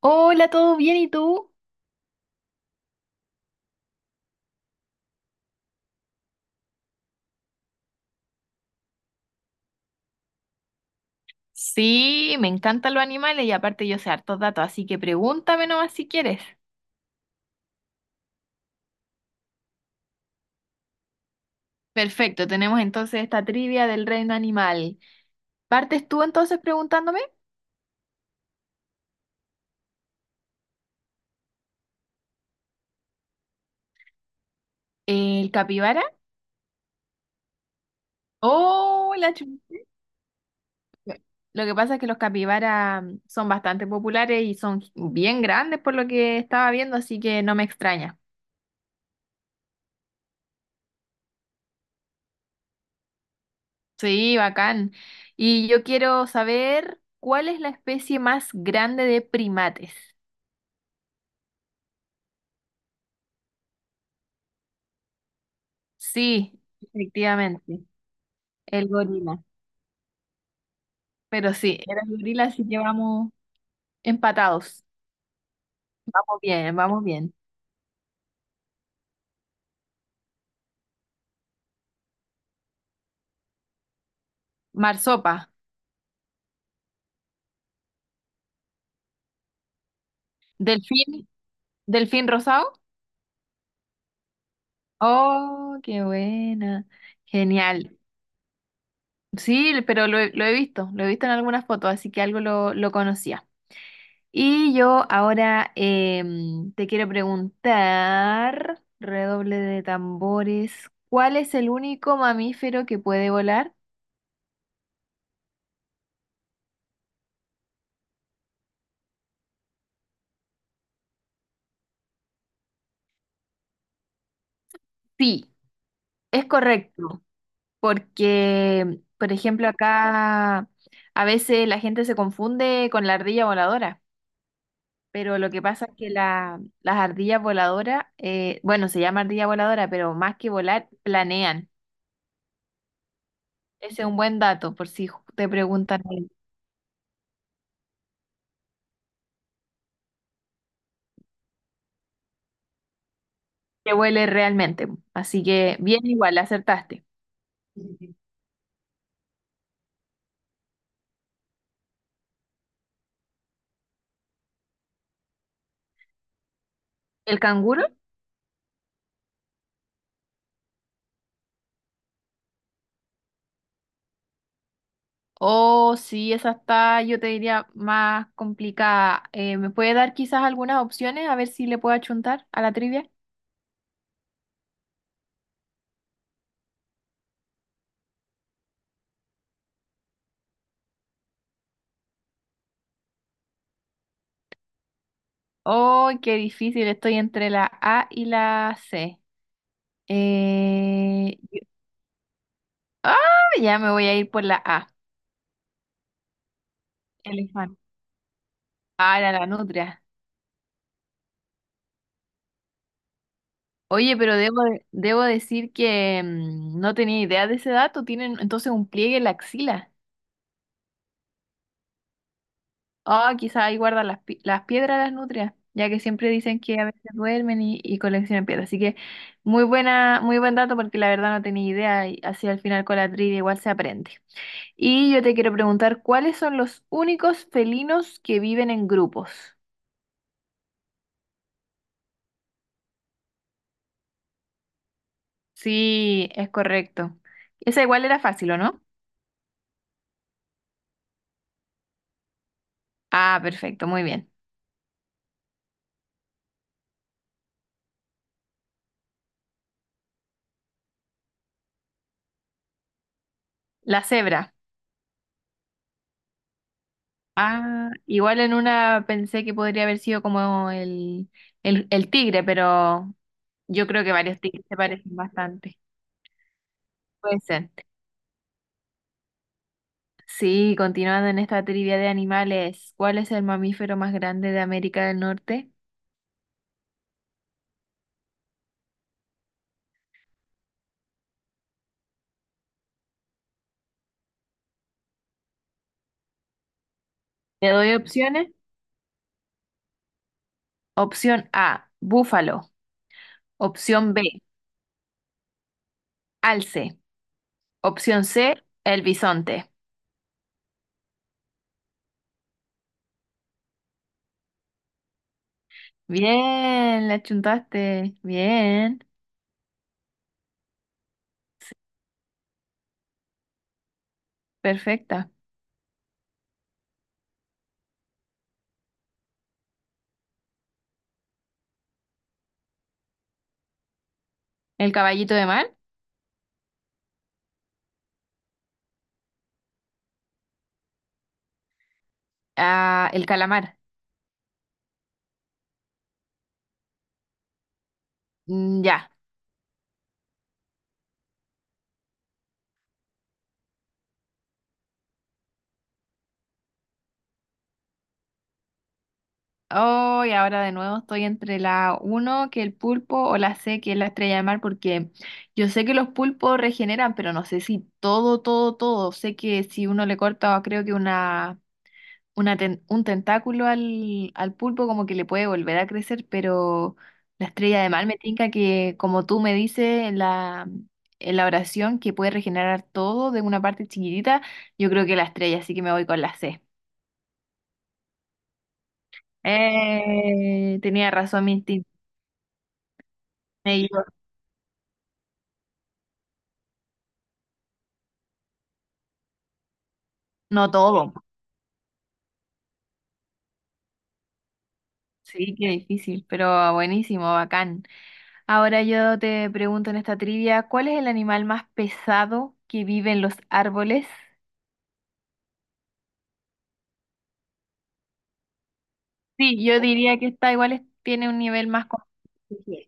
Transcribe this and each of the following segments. Hola, ¿todo bien? ¿Y tú? Sí, me encantan los animales y aparte yo sé hartos datos, así que pregúntame nomás si quieres. Perfecto, tenemos entonces esta trivia del reino animal. ¿Partes tú entonces preguntándome? ¿El capibara? ¡Oh, la chu- Lo que pasa es que los capibaras son bastante populares y son bien grandes por lo que estaba viendo, así que no me extraña. Sí, bacán. Y yo quiero saber cuál es la especie más grande de primates. Sí, efectivamente, el gorila. Pero sí, era el gorila, así que vamos empatados. Vamos bien, vamos bien. Marsopa, delfín, delfín rosado. Oh, qué buena. Genial. Sí, pero lo he visto en algunas fotos, así que algo lo conocía. Y yo ahora te quiero preguntar, redoble de tambores, ¿cuál es el único mamífero que puede volar? Sí, es correcto. Porque, por ejemplo, acá a veces la gente se confunde con la ardilla voladora, pero lo que pasa es que la- las ardillas voladoras, bueno, se llama ardilla voladora, pero más que volar, planean. Ese es un buen dato por si ju- te preguntan qué huele realmente. Así que bien igual, acertaste. ¿El canguro? Oh, sí, esa está, yo te diría, más complicada. ¿Me puede dar quizás algunas opciones a ver si le puedo achuntar a la trivia? Oh, qué difícil, estoy entre la A y la C. Eh, Ah, ya me voy a ir por la A. Elefante. Ah, era la nutria. Oye, pero debo, de- debo decir que no tenía idea de ese dato. Tienen entonces un pliegue en la axila. Ah, quizá ahí guardan las, pi- las piedras las nutrias, ya que siempre dicen que a veces duermen y coleccionan piedras. Así que muy buena, muy buen dato porque la verdad no tenía idea y así al final con la trivia igual se aprende. Y yo te quiero preguntar, ¿cuáles son los únicos felinos que viven en grupos? Sí, es correcto. Esa igual era fácil, ¿o no? Ah, perfecto, muy bien. La cebra. Ah, igual en una pensé que podría haber sido como el tigre, pero yo creo que varios tigres se parecen bastante. Puede ser. Sí, continuando en esta trivia de animales, ¿cuál es el mamífero más grande de América del Norte? ¿Te doy opciones? Opción A, búfalo. Opción B, alce. Opción C, el bisonte. Bien, la chuntaste. Bien, perfecta. ¿El caballito de mar? Ah, el calamar. Mm, ya. Oh, y ahora de nuevo estoy entre la uno que el pulpo, o la C, que es la estrella de mar, porque yo sé que los pulpos regeneran, pero no sé si todo, todo, todo. Sé que si uno le corta, creo que una ten- un tentáculo al, al pulpo como que le puede volver a crecer, pero la estrella de mar me tinca que, como tú me dices en la oración, que puede regenerar todo de una parte chiquitita, yo creo que la estrella, así que me voy con la C. Tenía razón mi instinto. Me equivo- no todo. Sí, qué difícil, pero buenísimo, bacán. Ahora yo te pregunto en esta trivia, ¿cuál es el animal más pesado que vive en los árboles? Sí, yo diría que esta igual es- tiene un nivel más complejo.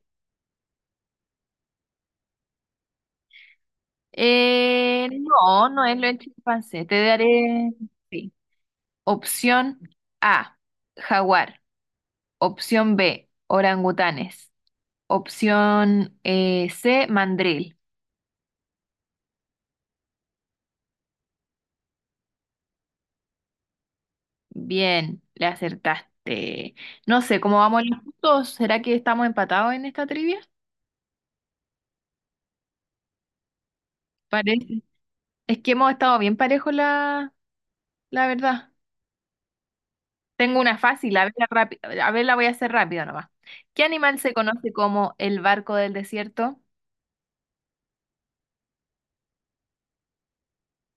No, no es lo del chimpancé. Te daré sí. Opción A, jaguar. Opción B, orangutanes. Opción C, mandril. Bien, le acertaste. No sé, ¿cómo vamos los puntos? ¿Será que estamos empatados en esta trivia? Parece. Es que hemos estado bien parejos, la verdad. Tengo una fácil, a ver, la rápi- a ver, la voy a hacer rápido nomás. ¿Qué animal se conoce como el barco del desierto?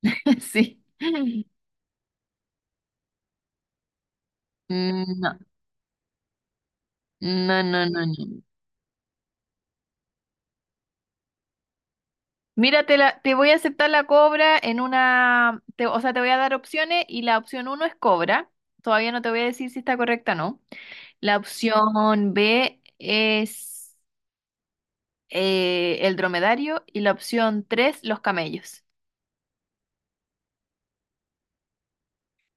Sí. Mm, no, no, no, no, no. Mira, te, la- te voy a aceptar la cobra en una, te- o sea, te voy a dar opciones y la opción uno es cobra. Todavía no te voy a decir si está correcta o no. La opción B es el dromedario y la opción tres, los camellos.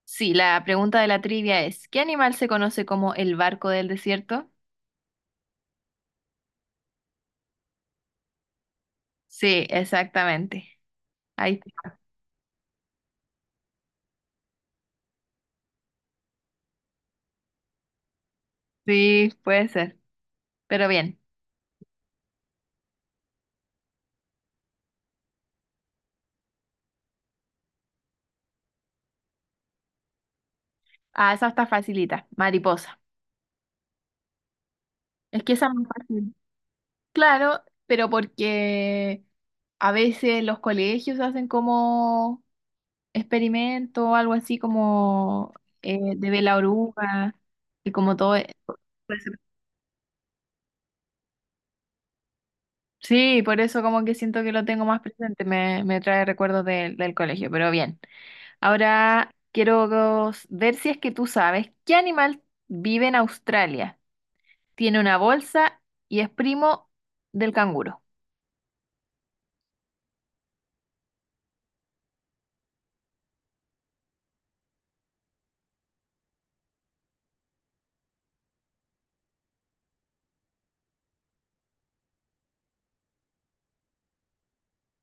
Sí, la pregunta de la trivia es, ¿qué animal se conoce como el barco del desierto? Sí, exactamente. Ahí está. Sí, puede ser. Pero bien. Ah, esa está facilita. Mariposa. Es que esa es más fácil. Claro, pero porque a veces los colegios hacen como experimento o algo así como de ver la oruga y como todo. E- Puede ser. Sí, por eso como que siento que lo tengo más presente. Me trae recuerdos del del colegio, pero bien. Ahora quiero ver si es que tú sabes qué animal vive en Australia. Tiene una bolsa y es primo del canguro.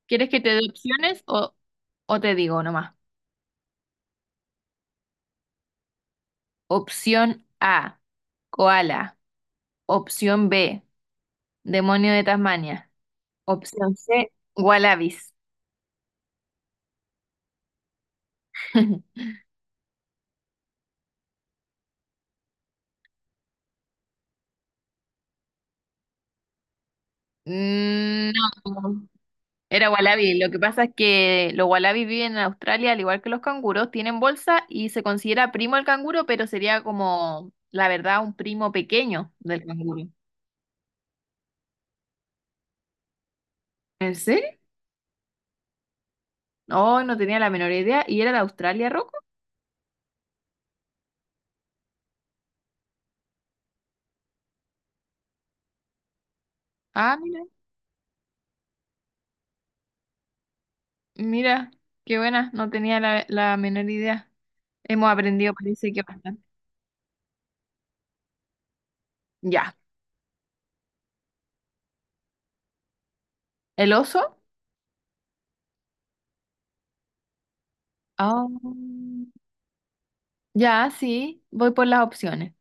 ¿Quieres que te dé opciones o te digo nomás? Opción A, koala. Opción B, demonio de Tasmania. Opción C, wallabies. Mm, no. Era wallaby. Lo que pasa es que los wallabies viven en Australia al igual que los canguros, tienen bolsa y se considera primo al canguro, pero sería como, la verdad, un primo pequeño del canguro. ¿En serio? No, no tenía la menor idea. ¿Y era de Australia, Rocco? Ah, mira, mira, qué buena, no tenía la, la menor idea. Hemos aprendido, parece que bastante. Ya, ¿el oso? Ah, ya, sí, voy por las opciones.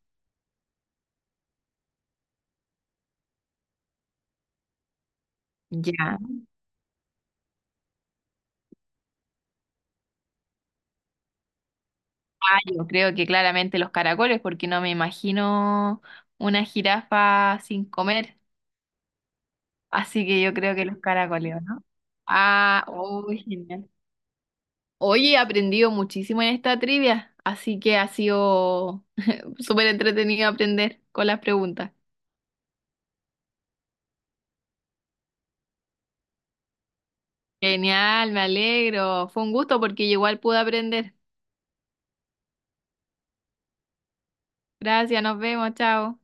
Ya. Ah, yo creo que claramente los caracoles, porque no me imagino una jirafa sin comer. Así que yo creo que los caracoles, ¿o ¿no? Ah, uy genial. Oye, he aprendido muchísimo en esta trivia, así que ha sido súper entretenido aprender con las preguntas. Genial, me alegro. Fue un gusto porque yo igual pude aprender. Gracias, nos vemos, chao.